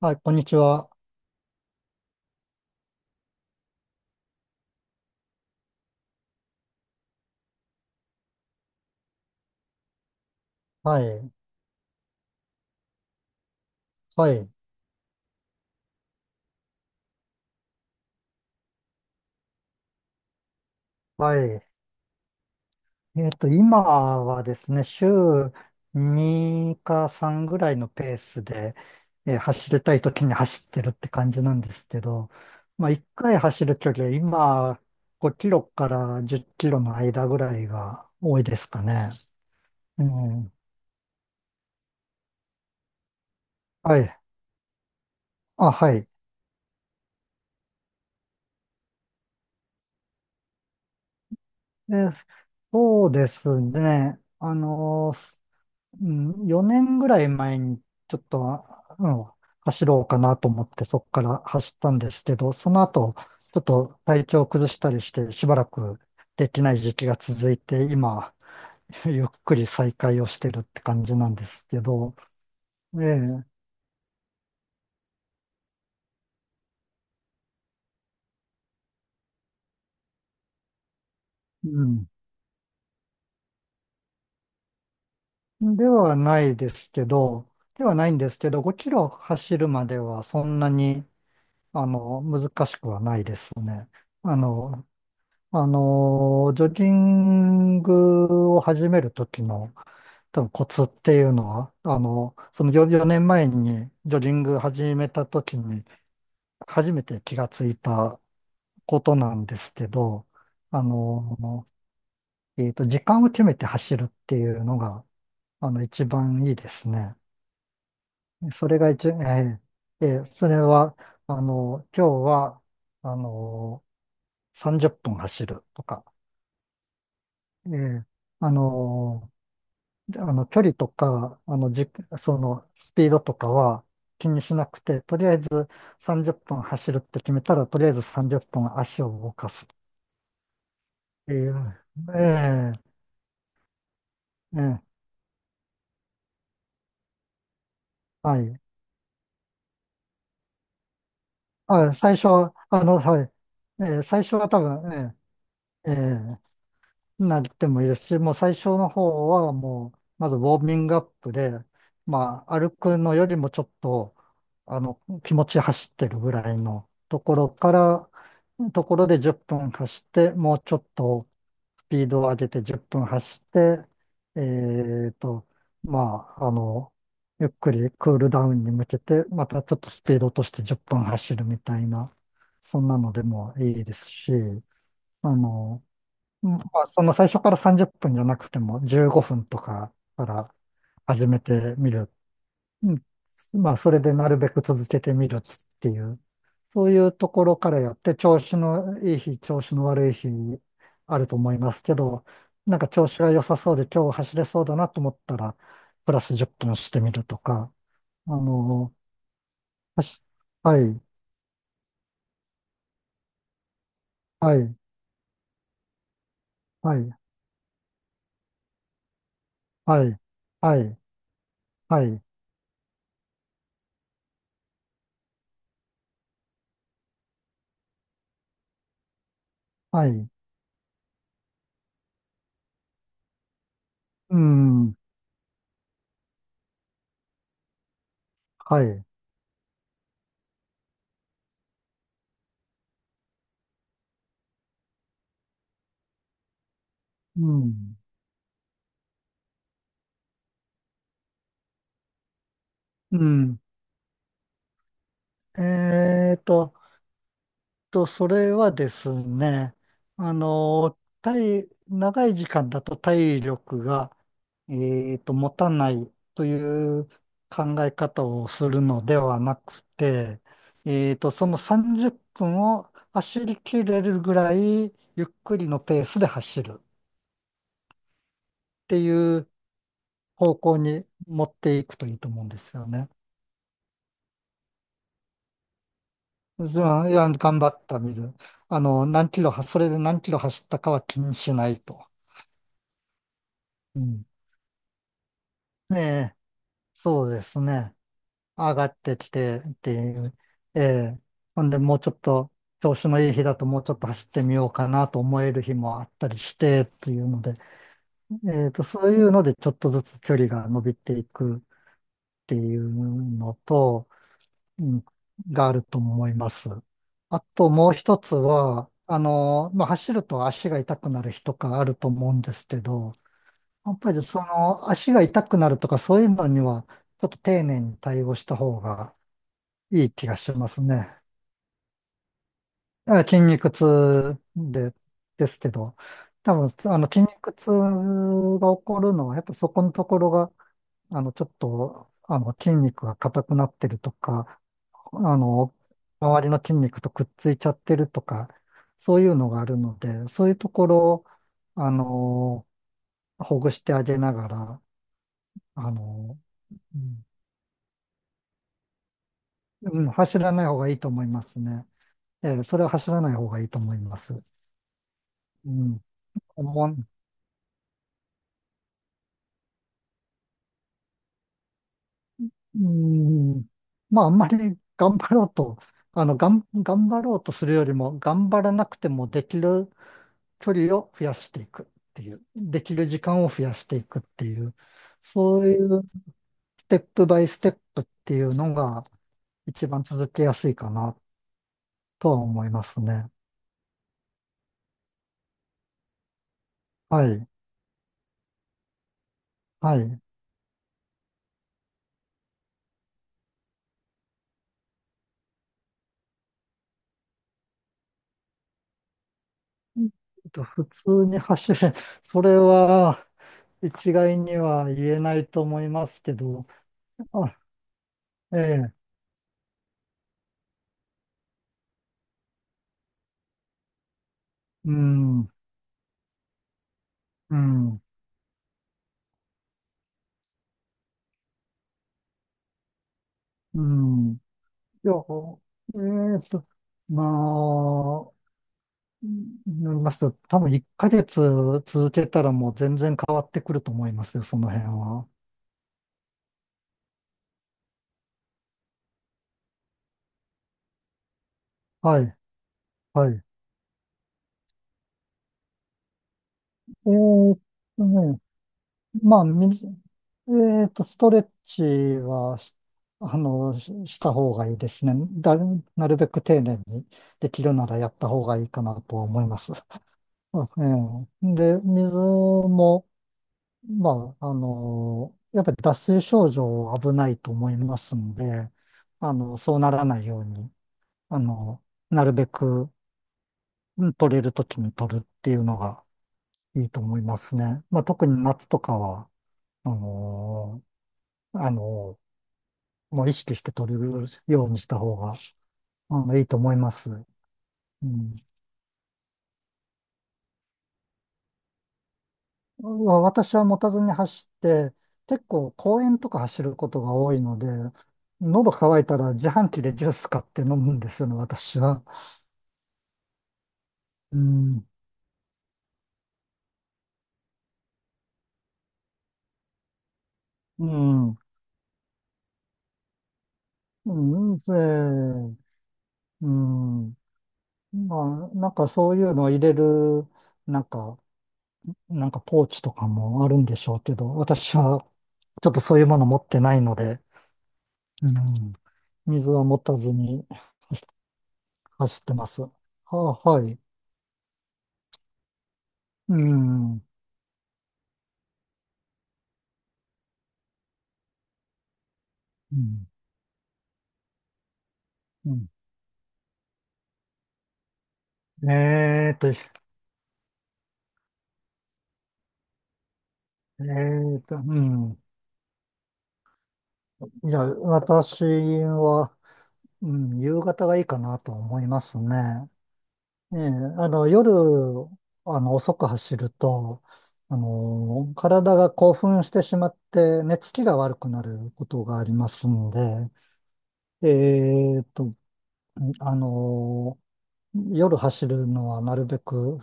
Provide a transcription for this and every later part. はい、こんにちは。はい、はい、はい。今はですね、週2か3ぐらいのペースで、走りたい時に走ってるって感じなんですけど、まあ、1回走る距離は今、5キロから10キロの間ぐらいが多いですかね。うん。はい。あ、はい。でそうですね。うん、4年ぐらい前にちょっと、うん、走ろうかなと思ってそこから走ったんですけど、その後、ちょっと体調を崩したりしてしばらくできない時期が続いて、今、ゆっくり再開をしてるって感じなんですけど、ええ、うん。ではないですけど、ではないんですけど、5キロ走るまではそんなに、難しくはないですね。あの、ジョギングを始めるときの多分コツっていうのは、その4年前にジョギング始めたときに初めて気がついたことなんですけど、あの時間を決めて走るっていうのが、一番いいですね。それが一、えーえーそれは、今日は、あの30分走るとか、えーあの距離とか、あの、じ、その、スピードとかは気にしなくて、とりあえず30分走るって決めたら、とりあえず30分足を動かすっていう。ええええ、はい。あ、最初は、はい。ええ、最初は多分、ええええ、なってもいいですし、もう最初の方はもう、まずウォーミングアップで、まあ、歩くのよりもちょっと、気持ち走ってるぐらいのところから、ところで10分走って、もうちょっとスピードを上げて10分走って、えっと、まあ、ゆっくりクールダウンに向けて、またちょっとスピード落として10分走るみたいな、そんなのでもいいですし、あの、まあ、最初から30分じゅっぷんじゃなくても15分とかから始めてみる。うん、まあ、それでなるべく続けてみるっていう、そういうところからやって、調子のいい日、調子の悪い日あると思いますけど、なんか調子が良さそうで今日走れそうだなと思ったら、プラス10分してみるとか、あの、はしはい、はい、はい、はい、はい、はい、はい、うん、はい、うん。うん。えーと、それはですね、あの、長い時間だと体力が、え持たないという考え方をするのではなくて、その30分を走り切れるぐらいゆっくりのペースで走るっていう方向に持っていくといいと思うんですよね。じゃあ、いや、頑張ったみる。あの、何キロは、それで何キロ走ったかは気にしないと。うん。ええ、そうですね。上がってきてっていう。ええ。ほんで、もうちょっと、調子のいい日だともうちょっと走ってみようかなと思える日もあったりして、というので、そういうのでちょっとずつ距離が伸びていくっていうのと、うん、があると思います。あともう一つは、まあ、走ると足が痛くなる日とかあると思うんですけど、やっぱりその足が痛くなるとかそういうのにはちょっと丁寧に対応した方がいい気がしますね。あ、筋肉痛ですけど、多分筋肉痛が起こるのはやっぱそこのところがちょっと筋肉が硬くなってるとか、あの周りの筋肉とくっついちゃってるとか、そういうのがあるので、そういうところをあのほぐしてあげながら、あのうん、うん、走らない方がいいと思いますね。ええ、それは走らない方がいいと思います。うん。もう、うん、まあ、あんまり頑張ろうと、頑張ろうとするよりも、頑張らなくてもできる距離を増やしていくっていう、できる時間を増やしていくっていう、そういうステップバイステップっていうのが一番続けやすいかなとは思いますね。はい。はい。う普通に走る、それは、一概には言えないと思いますけど、あ、ええ、うん、うん、うん。いや、ーと、まあ、うんなりますと、多分1ヶ月続けたらもう全然変わってくると思いますよ、その辺は。はい、はい。えーとね、まあ、みず、えーと、ストレッチはし、あの、しした方がいいですね。なるべく丁寧にできるならやった方がいいかなとは思います。あ、ええ、で、水も、まあ、やっぱり脱水症状は危ないと思いますんで、そうならないように、あの、なるべくうん取れるときに取るっていうのがいいと思いますね。まあ、特に夏とかは、あの、あの、もう意識して取るようにした方が、いいと思います。うんわ私は持たずに走って、結構公園とか走ることが多いので、喉乾いたら自販機でジュース買って飲むんですよね、私は。うん、うん、うん、で、うん、まあ、なんかそういうのを入れる、なんか、なんかポーチとかもあるんでしょうけど、私はちょっとそういうもの持ってないので、うん、水は持たずに走ってます。はあ、はい。うん、うん、うん、えーっと、えうん。いや、私は、うん、夕方がいいかなと思いますね。ええ、夜、遅く走ると、体が興奮してしまって、寝つきが悪くなることがありますんで、えーっと、あの、夜走るのはなるべく、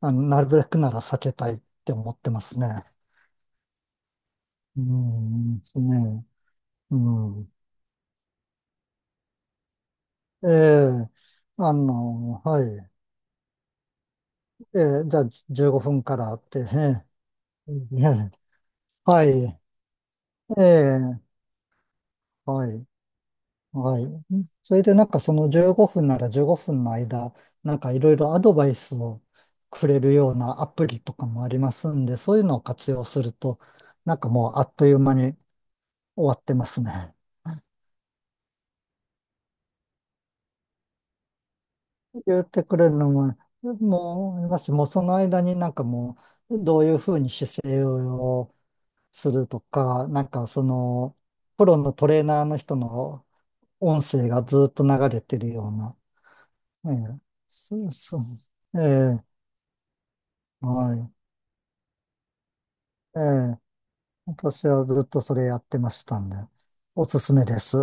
なるべくなら避けたいって思ってますね。うん、ですね。うん。ええ、はい。ええ、じゃあ、15分からって、ええ、ね、はい。ええ、はい。はい。それで、なんかその15分なら15分の間、なんかいろいろアドバイスをくれるようなアプリとかもありますんで、そういうのを活用すると、なんかもうあっという間に終わってますね。言ってくれるのも、もう、もしもうその間になんかもう、どういうふうに姿勢をするとか、なんかその、プロのトレーナーの人の音声がずっと流れてるような。ええ、そうそう。ええ、はい。ええ、私はずっとそれやってましたんで、おすすめです。